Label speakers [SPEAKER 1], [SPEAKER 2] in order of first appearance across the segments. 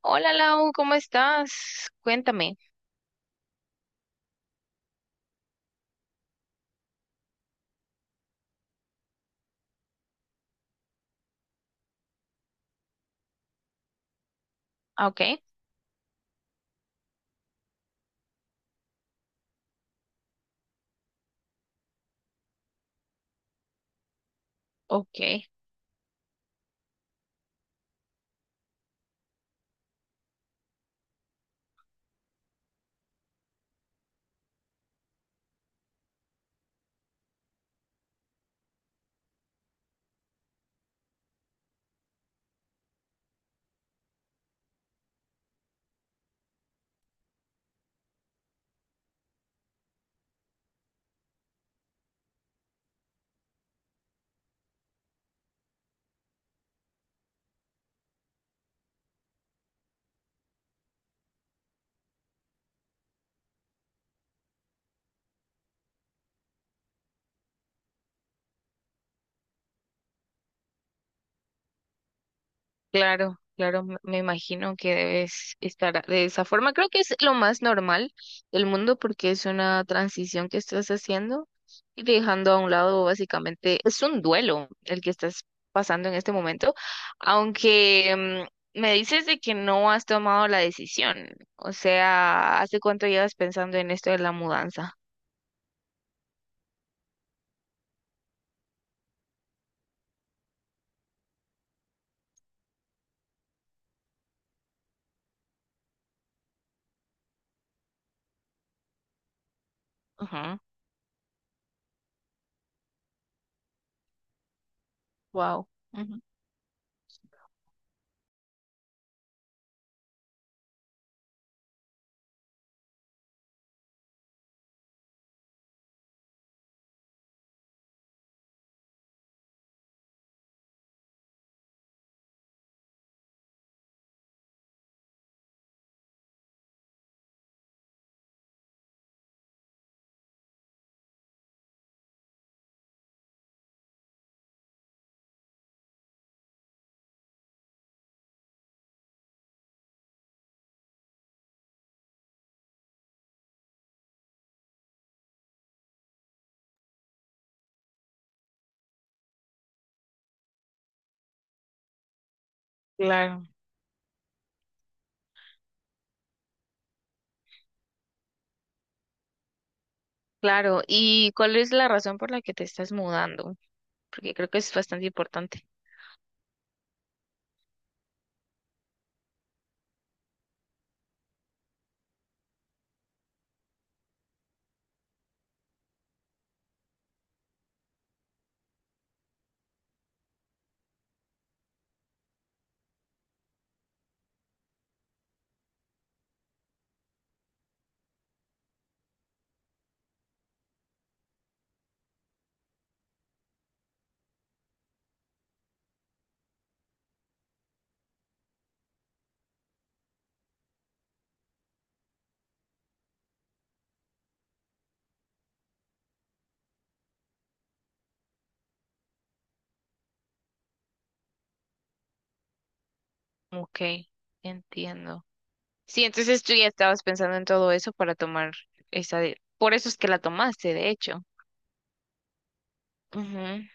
[SPEAKER 1] Hola Lau, ¿cómo estás? Cuéntame. Ah, Ok, ok, claro, claro, me imagino que debes estar de esa forma. Creo que es lo más normal del mundo porque es una transición que estás haciendo y dejando a un lado básicamente, es un duelo el que estás pasando en este momento, aunque me dices de que no has tomado la decisión. O sea, ¿hace cuánto llevas pensando en esto de la mudanza? Ajá. Wow. Claro. Claro, ¿y cuál es la razón por la que te estás mudando? Porque creo que es bastante importante. Ok, entiendo. Sí, entonces tú ya estabas pensando en todo eso para tomar esa de... Por eso es que la tomaste, de hecho. Ujú,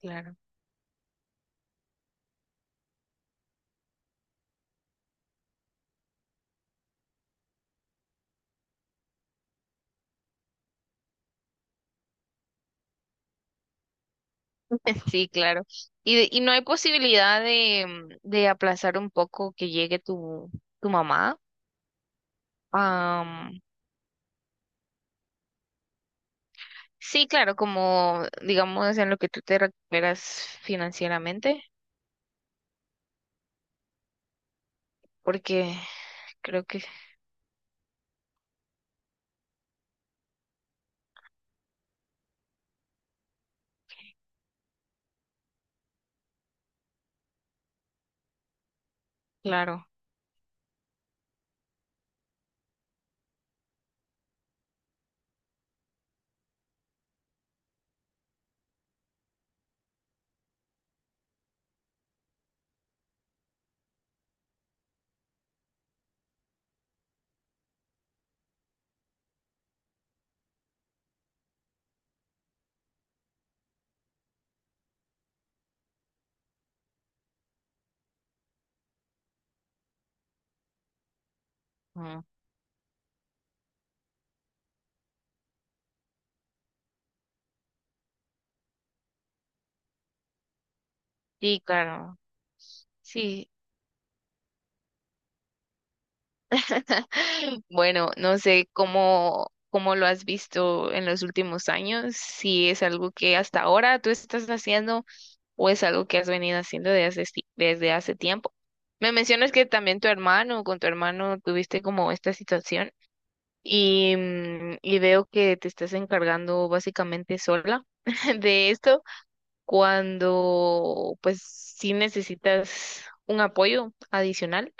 [SPEAKER 1] claro. Sí, claro. ¿Y, y no hay posibilidad de, de aplazar un poco que llegue tu, tu mamá? Am, sí, claro, como digamos en lo que tú te recuperas financieramente, porque creo que, claro. Sí, claro. Sí. Bueno, no sé cómo, cómo lo has visto en los últimos años, si es algo que hasta ahora tú estás haciendo o es algo que has venido haciendo desde hace, desde hace tiempo. Me mencionas que también tu hermano, con tu hermano tuviste como esta situación y, y veo que te estás encargando básicamente sola de esto cuando pues sí necesitas un apoyo adicional.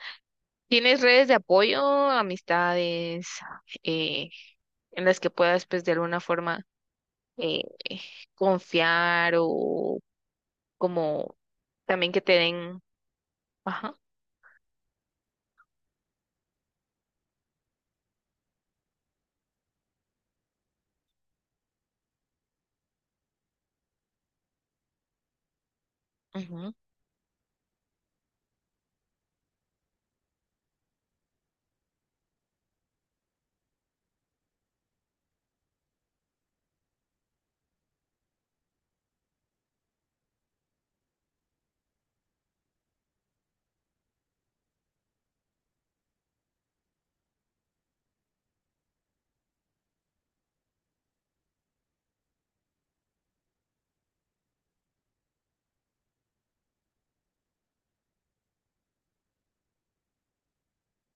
[SPEAKER 1] ¿Tienes redes de apoyo, amistades, eh, en las que puedas, pues, de alguna forma eh, confiar o como también que te den, ajá, ujú,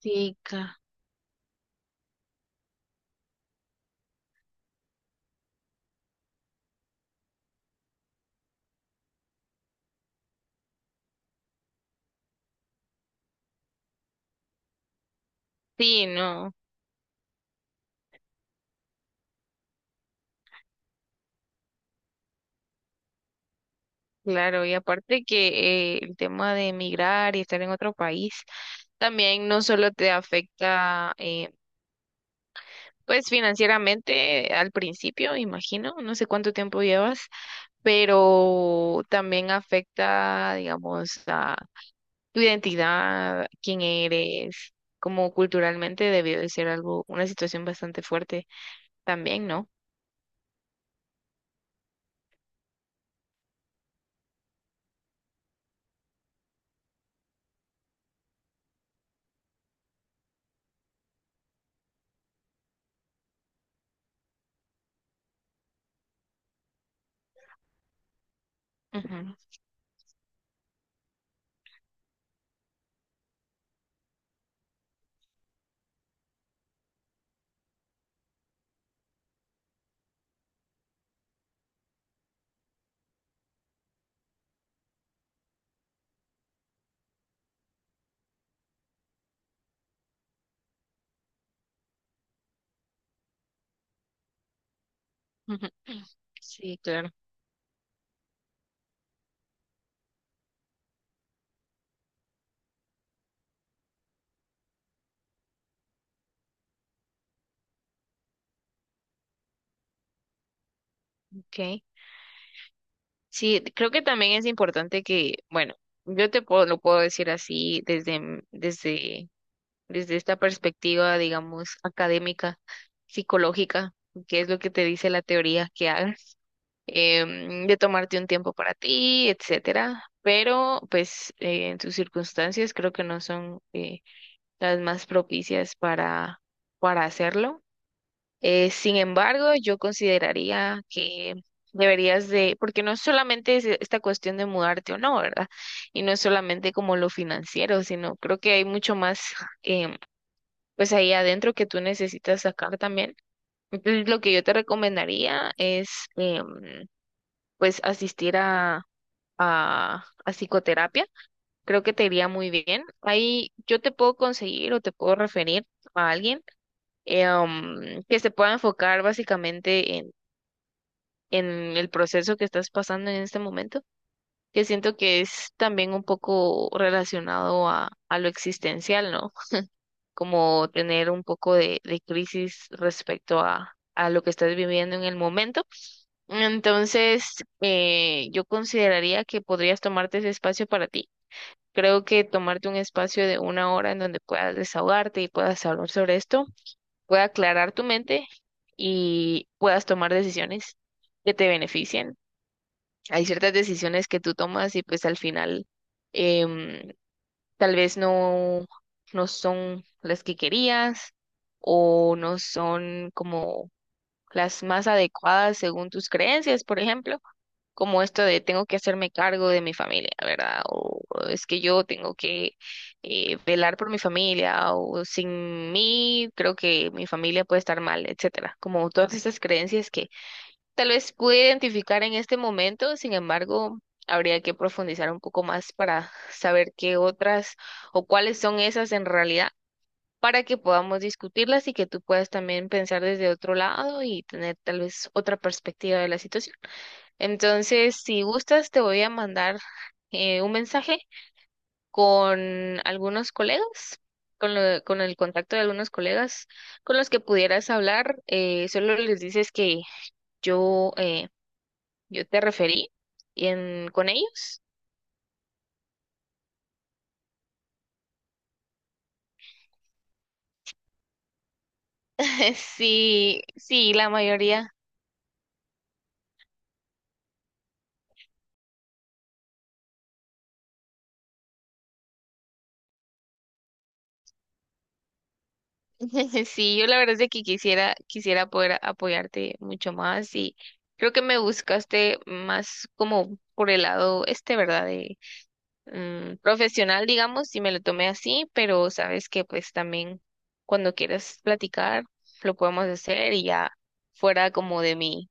[SPEAKER 1] sí, sí, no, claro, y aparte que el tema de emigrar y estar en otro país también no solo te afecta, pues, financieramente al principio, imagino, no sé cuánto tiempo llevas. Pero también afecta, digamos, a tu identidad, quién eres, como culturalmente debió de ser algo, una situación bastante fuerte también, ¿no? Ujú, ujú. Sí, claro. Okay. Sí, creo que también es importante que, bueno, yo te puedo, lo puedo decir así desde, desde, desde esta perspectiva, digamos, académica, psicológica, que es lo que te dice la teoría que hagas. De tomarte un tiempo para ti, etcétera. Pero, pues, en tus circunstancias creo que no son las más propicias para hacerlo. Sin embargo, yo consideraría que deberías de, porque no solamente es esta cuestión de mudarte o no, ¿verdad? Y no es solamente como lo financiero, sino creo que hay mucho más, em, pues, ahí adentro que tú necesitas sacar también. Entonces, lo que yo te recomendaría es em, pues asistir a psicoterapia. Creo que te iría muy bien. Ahí yo te puedo conseguir o te puedo referir a alguien que se pueda enfocar básicamente en el proceso que estás pasando en este momento, que siento que es también un poco relacionado a lo existencial, ¿no? Como tener un poco de crisis respecto a lo que estás viviendo en el momento. Entonces, yo consideraría que podrías tomarte ese espacio para ti. Creo que tomarte un espacio de una hora en donde puedas desahogarte y puedas hablar sobre esto, pueda aclarar tu mente y puedas tomar decisiones que te beneficien. Hay ciertas decisiones que tú tomas y pues al final em, tal vez no, no son las que querías o no son como las más adecuadas según tus creencias, por ejemplo como esto de tengo que hacerme cargo de mi familia, ¿verdad? O es que yo tengo que velar por mi familia, o sin mí creo que mi familia puede estar mal, etcétera. Como todas estas creencias que tal vez pude identificar en este momento, sin embargo, habría que profundizar un poco más para saber qué otras o cuáles son esas en realidad, para que podamos discutirlas y que tú puedas también pensar desde otro lado y tener tal vez otra perspectiva de la situación. Entonces, si gustas, te voy a mandar un mensaje con algunos colegas, con el contacto de algunos colegas con los que pudieras hablar. Solo les dices que yo, eh, yo te referí con ellos. Sí, sí, la mayoría. Sí, yo la verdad es de que quisiera poder apoyarte mucho más y creo que me buscaste más como por el lado este, ¿verdad? Profesional, digamos, y me lo tomé así, pero sabes que pues también cuando quieras platicar lo podemos hacer y ya fuera como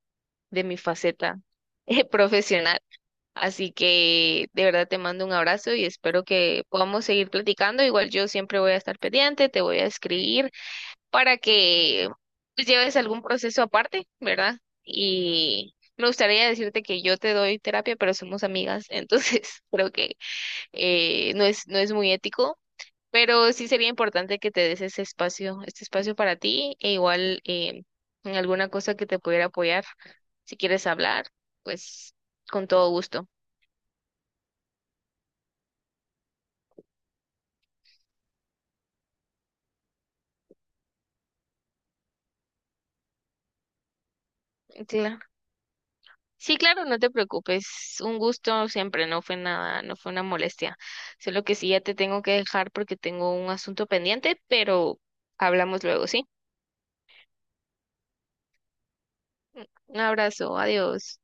[SPEAKER 1] de mi faceta profesional. Así que de verdad te mando un abrazo y espero que podamos seguir platicando. Igual yo siempre voy a estar pendiente, te voy a escribir para que pues, lleves algún proceso aparte, ¿verdad? Y me gustaría decirte que yo te doy terapia, pero somos amigas, entonces creo que no es, no es muy ético, pero sí sería importante que te des ese espacio, este espacio para ti, e igual en alguna cosa que te pudiera apoyar, si quieres hablar, pues con todo gusto. Claro. Sí, claro, no te preocupes, un gusto siempre, no fue nada, no fue una molestia. Solo que sí ya te tengo que dejar porque tengo un asunto pendiente, pero hablamos luego, ¿sí? Un abrazo, adiós.